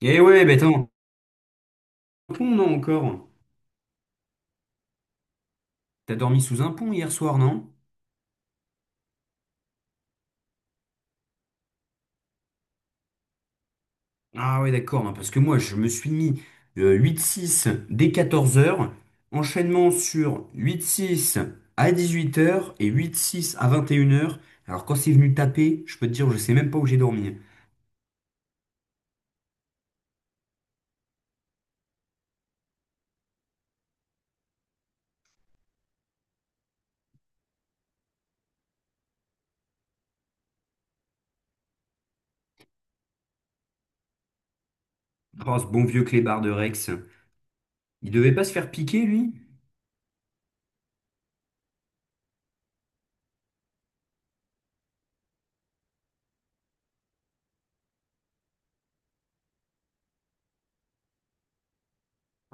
Eh ouais, bah t'es en pont, non, encore? T'as dormi sous un pont hier soir, non? Ah ouais, d'accord, non, parce que moi, je me suis mis 8-6 dès 14 heures, enchaînement sur huit six à 18 heures et huit six à 21 heures. Alors quand c'est venu taper, je peux te dire, je sais même pas où j'ai dormi. Oh, ce bon vieux clébard de Rex. Il devait pas se faire piquer, lui?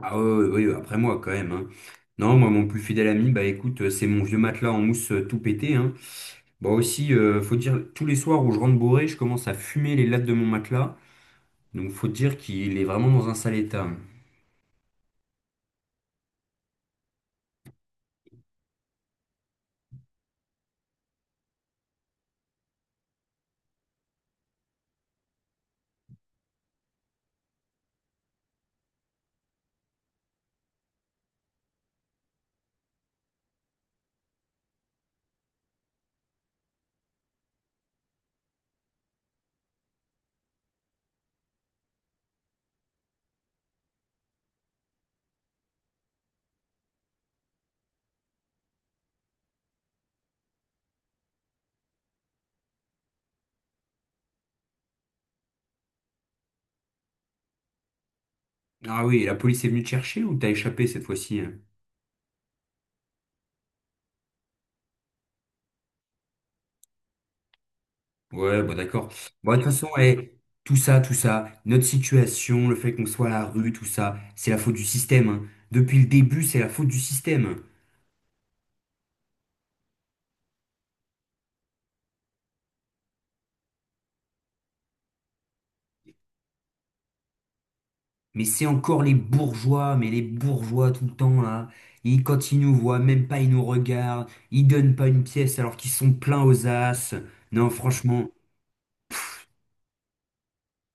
Ah oui, après moi, quand même, hein. Non, moi, mon plus fidèle ami, bah écoute, c'est mon vieux matelas en mousse tout pété, hein. Bon aussi, faut dire, tous les soirs où je rentre bourré, je commence à fumer les lattes de mon matelas. Donc faut dire qu'il est vraiment dans un sale état. Ah oui, la police est venue te chercher ou t'as échappé cette fois-ci, hein? Ouais, bon d'accord. Bon, de toute façon, eh, tout ça, notre situation, le fait qu'on soit à la rue, tout ça, c'est la faute du système, hein. Depuis le début, c'est la faute du système. Mais c'est encore les bourgeois, mais les bourgeois tout le temps là. Ils, quand ils nous voient, même pas ils nous regardent. Ils donnent pas une pièce alors qu'ils sont pleins aux as. Non, franchement.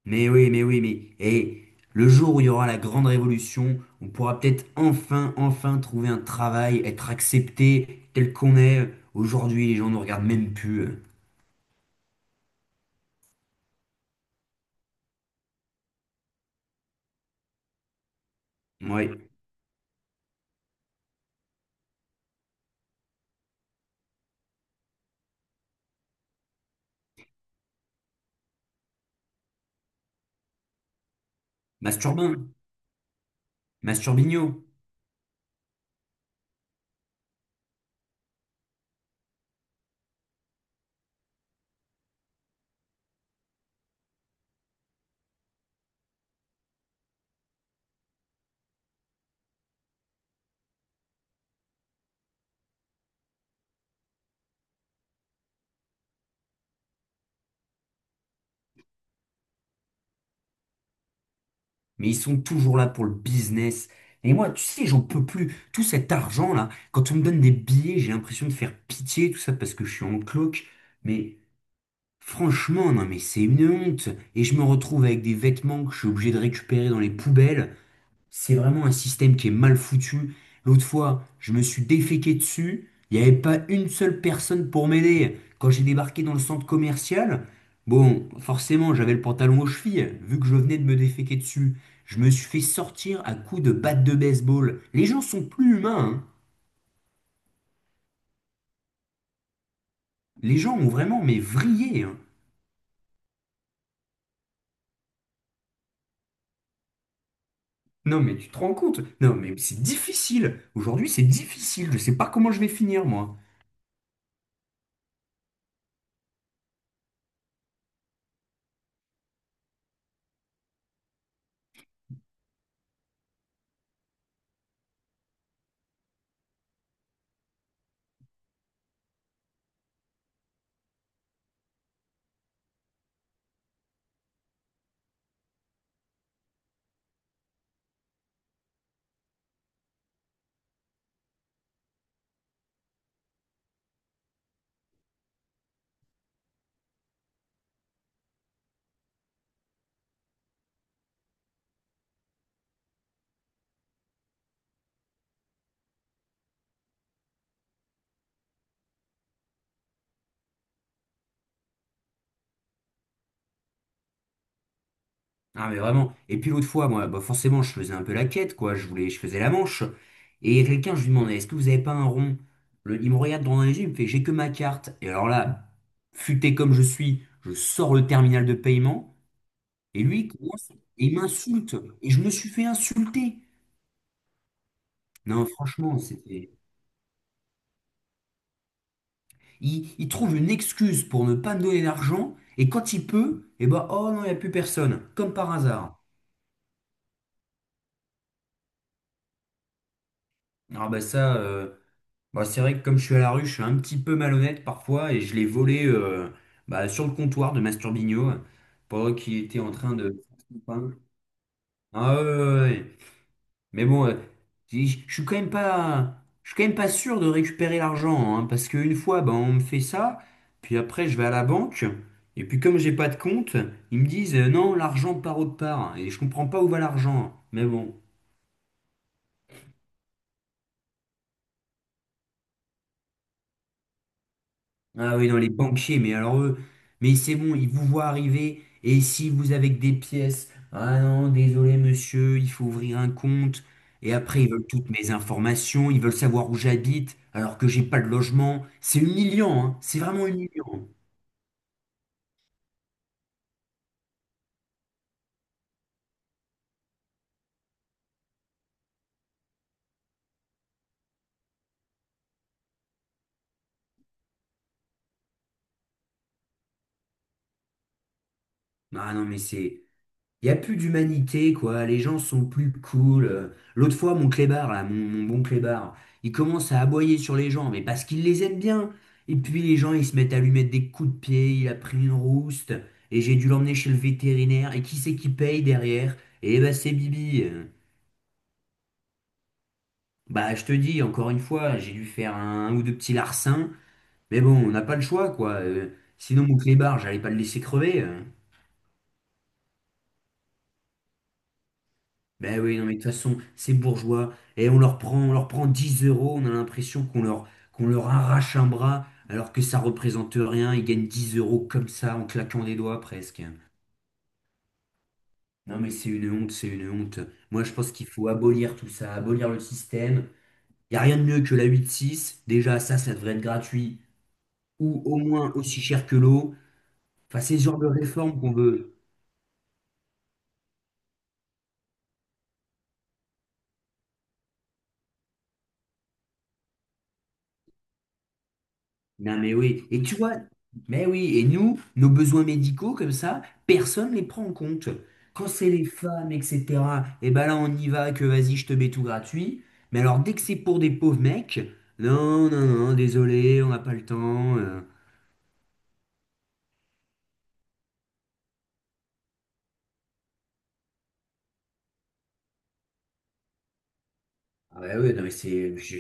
Mais oui, mais oui, mais et le jour où il y aura la grande révolution, on pourra peut-être enfin, enfin trouver un travail, être accepté tel qu'on est. Aujourd'hui, les gens ne regardent même plus, hein. Ouais, Masturbin, Masturbino, mais ils sont toujours là pour le business. Et moi, tu sais, j'en peux plus. Tout cet argent là, quand on me donne des billets, j'ai l'impression de faire pitié, tout ça parce que je suis en cloque. Mais franchement, non, mais c'est une honte. Et je me retrouve avec des vêtements que je suis obligé de récupérer dans les poubelles. C'est vraiment un système qui est mal foutu. L'autre fois, je me suis déféqué dessus. Il n'y avait pas une seule personne pour m'aider. Quand j'ai débarqué dans le centre commercial, bon, forcément, j'avais le pantalon aux chevilles, vu que je venais de me déféquer dessus. Je me suis fait sortir à coups de batte de baseball. Les gens sont plus humains, hein. Les gens ont vraiment, mais vrillé, hein. Non, mais tu te rends compte? Non, mais c'est difficile. Aujourd'hui, c'est difficile. Je sais pas comment je vais finir, moi. Ah mais vraiment. Et puis l'autre fois, moi, bah forcément, je faisais un peu la quête, quoi. Je faisais la manche. Et il y a quelqu'un, je lui demandais, est-ce que vous avez pas un rond? Il me regarde droit dans les yeux, il me fait, j'ai que ma carte. Et alors là, futé comme je suis, je sors le terminal de paiement. Et lui, il m'insulte. Et je me suis fait insulter. Non, franchement, c'était. Il trouve une excuse pour ne pas me donner d'argent. Et quand il peut, eh ben, oh non, il n'y a plus personne. Comme par hasard. Ah bah ça. Bah, c'est vrai que comme je suis à la rue, je suis un petit peu malhonnête parfois et je l'ai volé bah, sur le comptoir de Masturbino pendant qu'il était en train de faire son pain. Ah ouais, ouais, ouais, ouais. Mais bon, je je suis quand même pas sûr de récupérer l'argent hein, parce qu'une fois, bah, on me fait ça, puis après je vais à la banque et puis comme j'ai pas de compte, ils me disent non, l'argent part autre part et je comprends pas où va l'argent. Mais bon. Ah oui, non, les banquiers, mais alors eux, mais c'est bon, ils vous voient arriver, et si vous avez que des pièces, ah non, désolé monsieur, il faut ouvrir un compte, et après ils veulent toutes mes informations, ils veulent savoir où j'habite, alors que j'ai pas de logement, c'est humiliant, hein, c'est vraiment humiliant. Ah non, mais c'est, il n'y a plus d'humanité, quoi. Les gens sont plus cool. L'autre fois, mon clébard, là, mon bon clébard, il commence à aboyer sur les gens, mais parce qu'il les aime bien. Et puis les gens, ils se mettent à lui mettre des coups de pied, il a pris une rouste, et j'ai dû l'emmener chez le vétérinaire. Et qui c'est qui paye derrière? Eh ben, c'est Bibi. Bah, je te dis, encore une fois, j'ai dû faire un ou deux petits larcins, mais bon, on n'a pas le choix, quoi. Sinon, mon clébard, j'allais pas le laisser crever, hein. Ben oui, non, mais de toute façon, ces bourgeois, et on leur prend 10 euros, on a l'impression qu'on leur arrache un bras, alors que ça représente rien, ils gagnent 10 euros comme ça, en claquant des doigts presque. Non, mais c'est une honte, c'est une honte. Moi, je pense qu'il faut abolir tout ça, abolir le système. Il n'y a rien de mieux que la 8-6. Déjà, ça devrait être gratuit, ou au moins aussi cher que l'eau. Enfin, c'est ce genre de réforme qu'on veut. Non, mais oui. Et tu vois, mais oui. Et nous, nos besoins médicaux, comme ça, personne ne les prend en compte. Quand c'est les femmes, etc., et ben là, on y va, que vas-y, je te mets tout gratuit. Mais alors, dès que c'est pour des pauvres mecs, non, non, non, désolé, on n'a pas le temps. Ah, bah oui, non, mais c'est.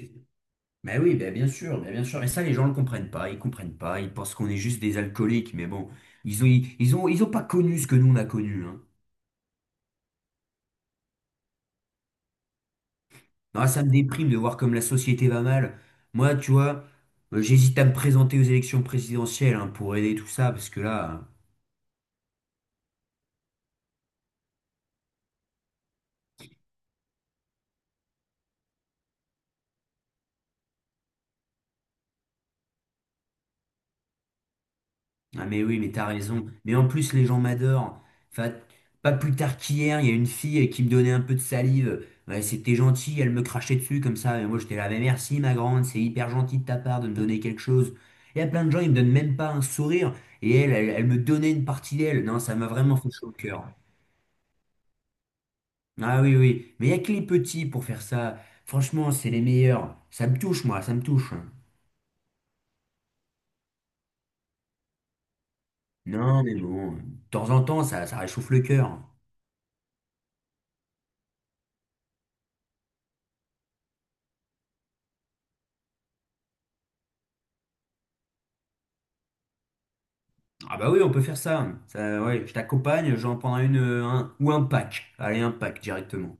Mais oui, bah, bien sûr, bah, bien sûr. Et ça, les gens ne le comprennent pas. Ils comprennent pas. Ils pensent qu'on est juste des alcooliques. Mais bon, ils ont, ils ont pas connu ce que nous, on a connu. Non, ça me déprime de voir comme la société va mal. Moi, tu vois, j'hésite à me présenter aux élections présidentielles hein, pour aider tout ça, parce que là, ah mais oui, mais t'as raison. Mais en plus, les gens m'adorent. Enfin, pas plus tard qu'hier, il y a une fille qui me donnait un peu de salive. Ouais, c'était gentil, elle me crachait dessus comme ça. Et moi, j'étais là, mais merci, ma grande, c'est hyper gentil de ta part de me donner quelque chose. Il y a plein de gens, ils me donnent même pas un sourire. Et elle, elle me donnait une partie d'elle. Non, ça m'a vraiment fait chaud au cœur. Ah oui, oui. Mais il n'y a que les petits pour faire ça. Franchement, c'est les meilleurs. Ça me touche, moi, ça me touche. Non, mais bon, de temps en temps, ça réchauffe le cœur. Ah bah oui, on peut faire ça. Ça, ouais, je t'accompagne, j'en prendrai une, ou un pack. Allez, un pack directement.